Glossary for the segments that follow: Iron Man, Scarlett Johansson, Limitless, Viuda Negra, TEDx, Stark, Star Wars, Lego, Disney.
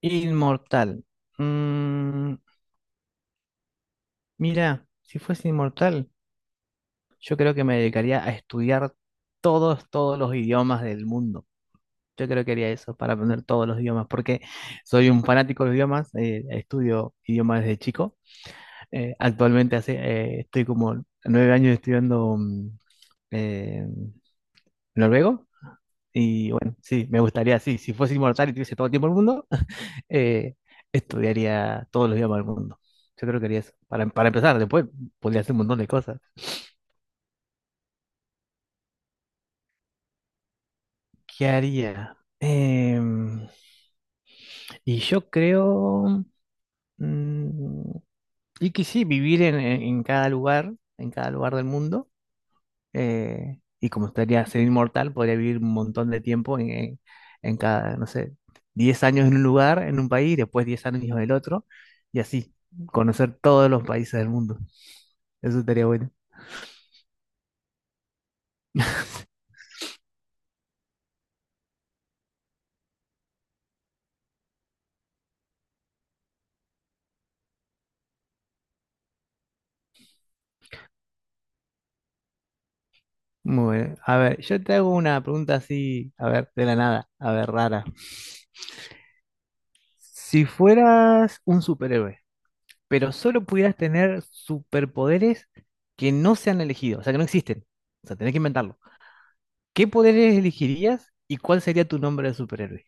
Inmortal. Mm, mira, si fuese inmortal, yo creo que me dedicaría a estudiar todos los idiomas del mundo. Yo creo que haría eso para aprender todos los idiomas, porque soy un fanático de los idiomas, estudio idiomas desde chico. Actualmente hace, estoy como 9 años estudiando eh, noruego. Y bueno, sí, me gustaría, sí, si fuese inmortal y tuviese todo el tiempo del mundo, eh, estudiaría todos los idiomas del mundo. Yo creo que haría eso. Para empezar, después podría hacer un montón de cosas. ¿Qué haría? Y yo creo, mm, y que sí, vivir en cada lugar del mundo. Y como estaría ser inmortal, podría vivir un montón de tiempo en cada, no sé, 10 años en un lugar, en un país, después 10 años en el otro, y así, conocer todos los países del mundo. Eso estaría bueno. Muy bien. A ver, yo te hago una pregunta así, a ver, de la nada, a ver, rara. Si fueras un superhéroe, pero solo pudieras tener superpoderes que no se han elegido, o sea, que no existen, o sea, tenés que inventarlo. ¿Qué poderes elegirías y cuál sería tu nombre de superhéroe?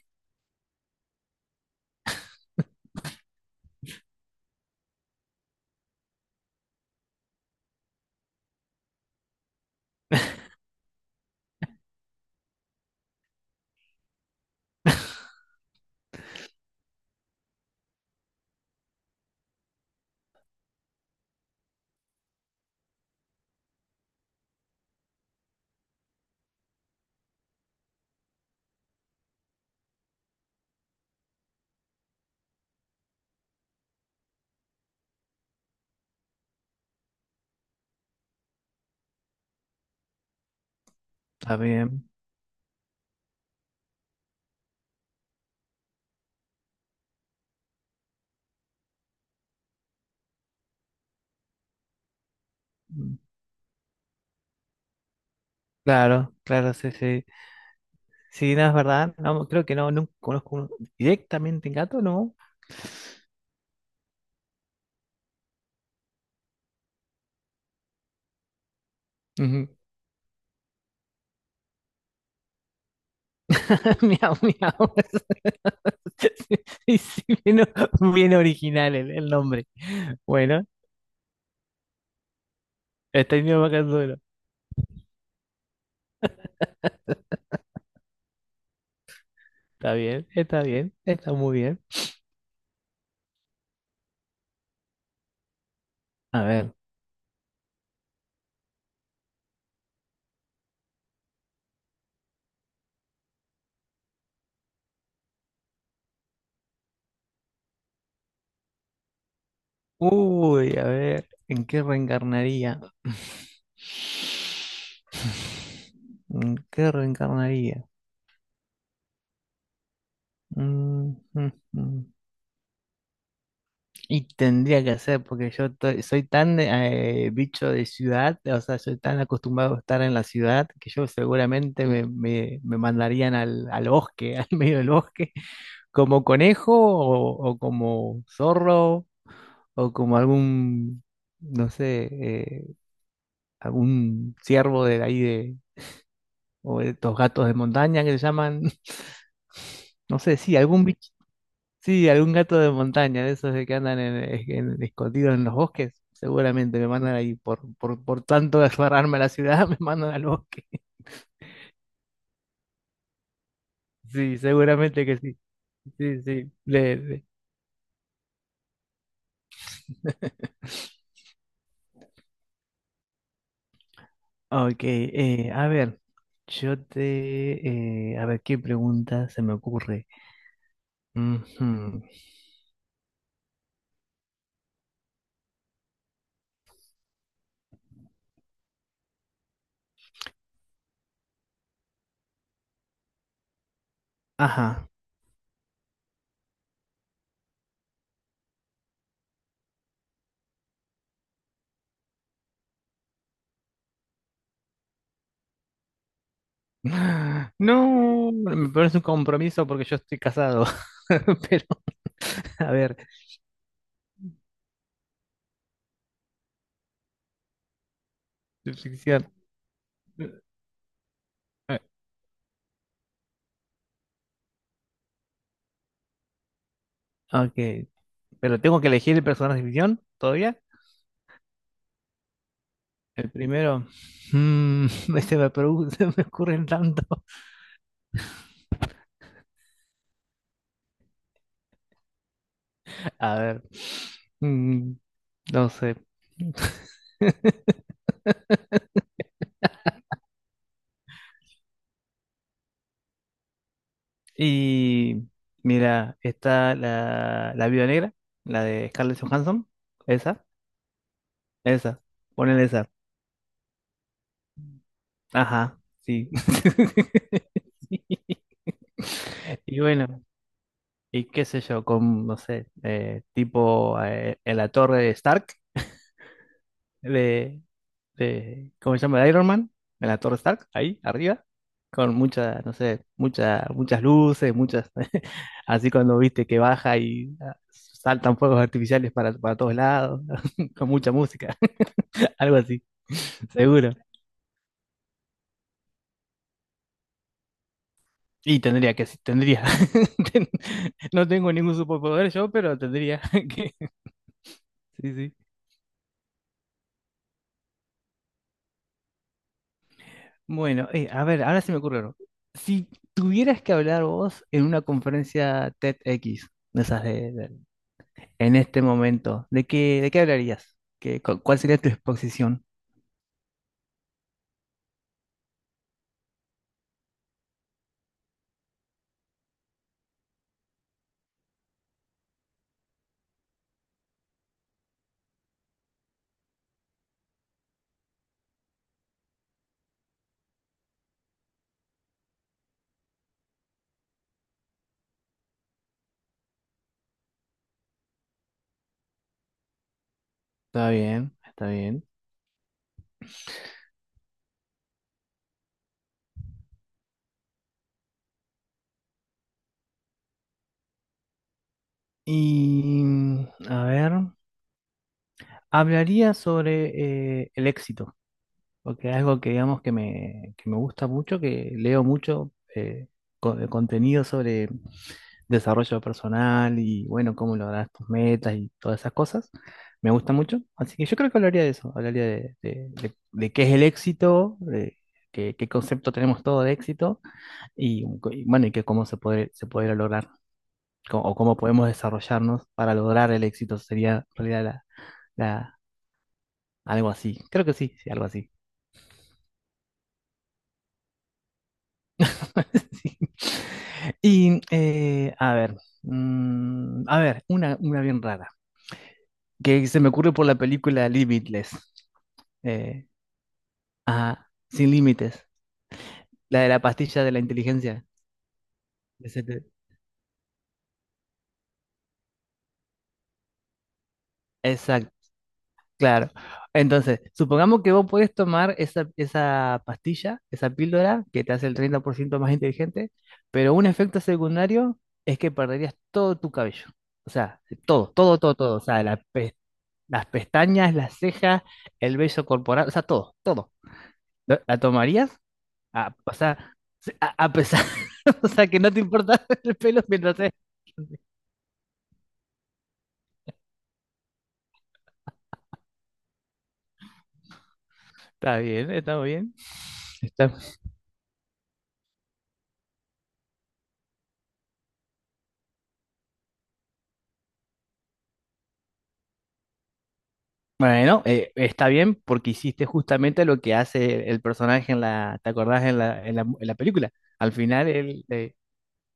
Está bien. Mm. Claro, claro, sí, sí. Sí, no es verdad. No, creo que no, no conozco uno directamente en gato, ¿no? Ujú. Miau, miau. Sí, sí, bien, bien original el nombre. Bueno, está en idioma kanzuro. Está bien, está bien, está muy bien. A ver. Uy, a ver, ¿en qué reencarnaría? ¿En qué reencarnaría? Mm, mm, mm. Y tendría que hacer, porque yo soy tan bicho de ciudad, o sea, soy tan acostumbrado a estar en la ciudad que yo seguramente me mandarían al bosque, al medio del bosque, como conejo o como zorro o como algún, no sé, algún ciervo de ahí de, o de estos gatos de montaña que se llaman, no sé, sí, algún bicho. Sí, algún gato de montaña, de esos de que andan escondidos en los bosques. Seguramente me mandan ahí por tanto de aferrarme a la ciudad, me mandan al bosque. Sí, seguramente que sí. Sí, sí. Ok, a ver, a ver, ¿qué pregunta se me ocurre? Ujú. Ajá. No, me parece un compromiso porque yo estoy casado. Pero, a ver, de ficción. Ok, pero tengo que elegir el personaje de ficción todavía. El primero. Mm, se me ocurren tanto. A ver. mm, no sé. Y mira, está la Viuda Negra, la de Scarlett Johansson. Esa, esa. Ponele esa. Ajá, sí. Sí. Y bueno, y qué sé yo, con, no sé, tipo en la torre de Stark de, de, ¿cómo se llama? De Iron Man, en la Torre Stark, ahí arriba, con muchas, no sé, muchas, muchas luces, muchas, así cuando viste que baja y ah, saltan fuegos artificiales para todos lados, con mucha música, algo así, seguro. Y tendría que, sí, tendría. Ten- No tengo ningún superpoder yo, pero tendría que, sí, sí. Bueno, a ver, ahora se me ocurre uno. Si tuvieras que hablar vos en una conferencia TEDx, de esas de en este momento, de qué hablarías? Cuál sería tu exposición? Está bien, está bien. Y a ver, hablaría sobre el éxito, porque es algo que digamos que me gusta mucho, que leo mucho de contenido sobre desarrollo personal y bueno, cómo lograr tus metas y todas esas cosas. Me gusta mucho, así que yo creo que hablaría de eso, hablaría de, de qué es el éxito, de qué, qué concepto tenemos todo de éxito y, y bueno, y que cómo se podría lograr o cómo podemos desarrollarnos para lograr el éxito. Sería en realidad la, la- algo así. Creo que sí, sí, algo así. Sí. Y a ver, a ver, una bien rara, que se me ocurre por la película Limitless. Eh, ajá, sin límites. La de la pastilla de la inteligencia. Ese te- Exacto. Claro. Entonces, supongamos que vos puedes tomar esa, esa pastilla, esa píldora que te hace el 30% más inteligente, pero un efecto secundario es que perderías todo tu cabello. O sea, todo, todo, todo, todo. O sea, las pestañas, las cejas, el vello corporal, o sea, todo, todo. ¿La tomarías? A, o sea, a pesar, o sea, que no te importa el pelo mientras... estés. Está bien, está muy bien. Bueno, está bien porque hiciste justamente lo que hace el personaje en la, ¿te acordás en la película? Al final él, eh,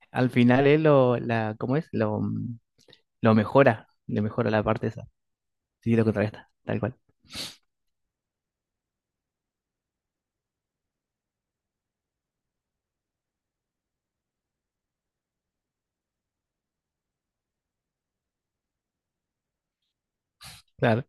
al final él lo, la, ¿cómo es? Lo, lo mejora, le mejora la parte esa. Sí, lo contrarresta, tal cual. Claro.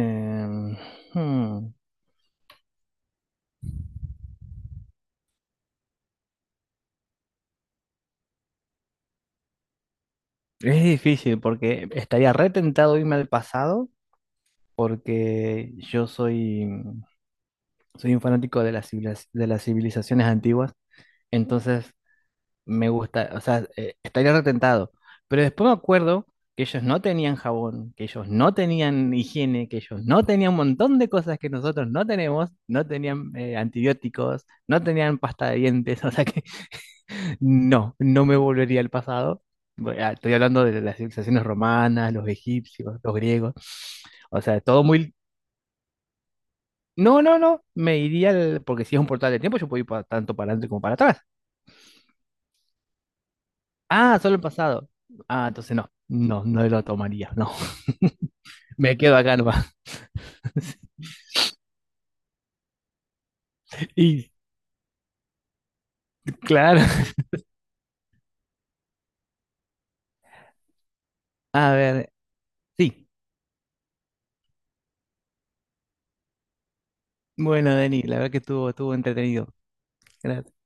Em, hmm, es difícil porque estaría retentado irme al pasado porque yo soy, soy un fanático de las, de las civilizaciones antiguas. Entonces, me gusta, o sea, estaría retentado. Pero después me acuerdo que ellos no tenían jabón, que ellos no tenían higiene, que ellos no tenían un montón de cosas que nosotros no tenemos, no tenían antibióticos, no tenían pasta de dientes, o sea que no, no me volvería al pasado. Estoy hablando de las civilizaciones romanas, los egipcios, los griegos, o sea, todo muy... No, no, no, porque si es un portal de tiempo, yo puedo ir tanto para adelante como para atrás. Ah, solo el pasado. Ah, entonces no, no, no lo tomaría, no. Me quedo acá nomás. Y claro, a ver, sí. Bueno, Denis, la verdad que estuvo, estuvo entretenido. Gracias.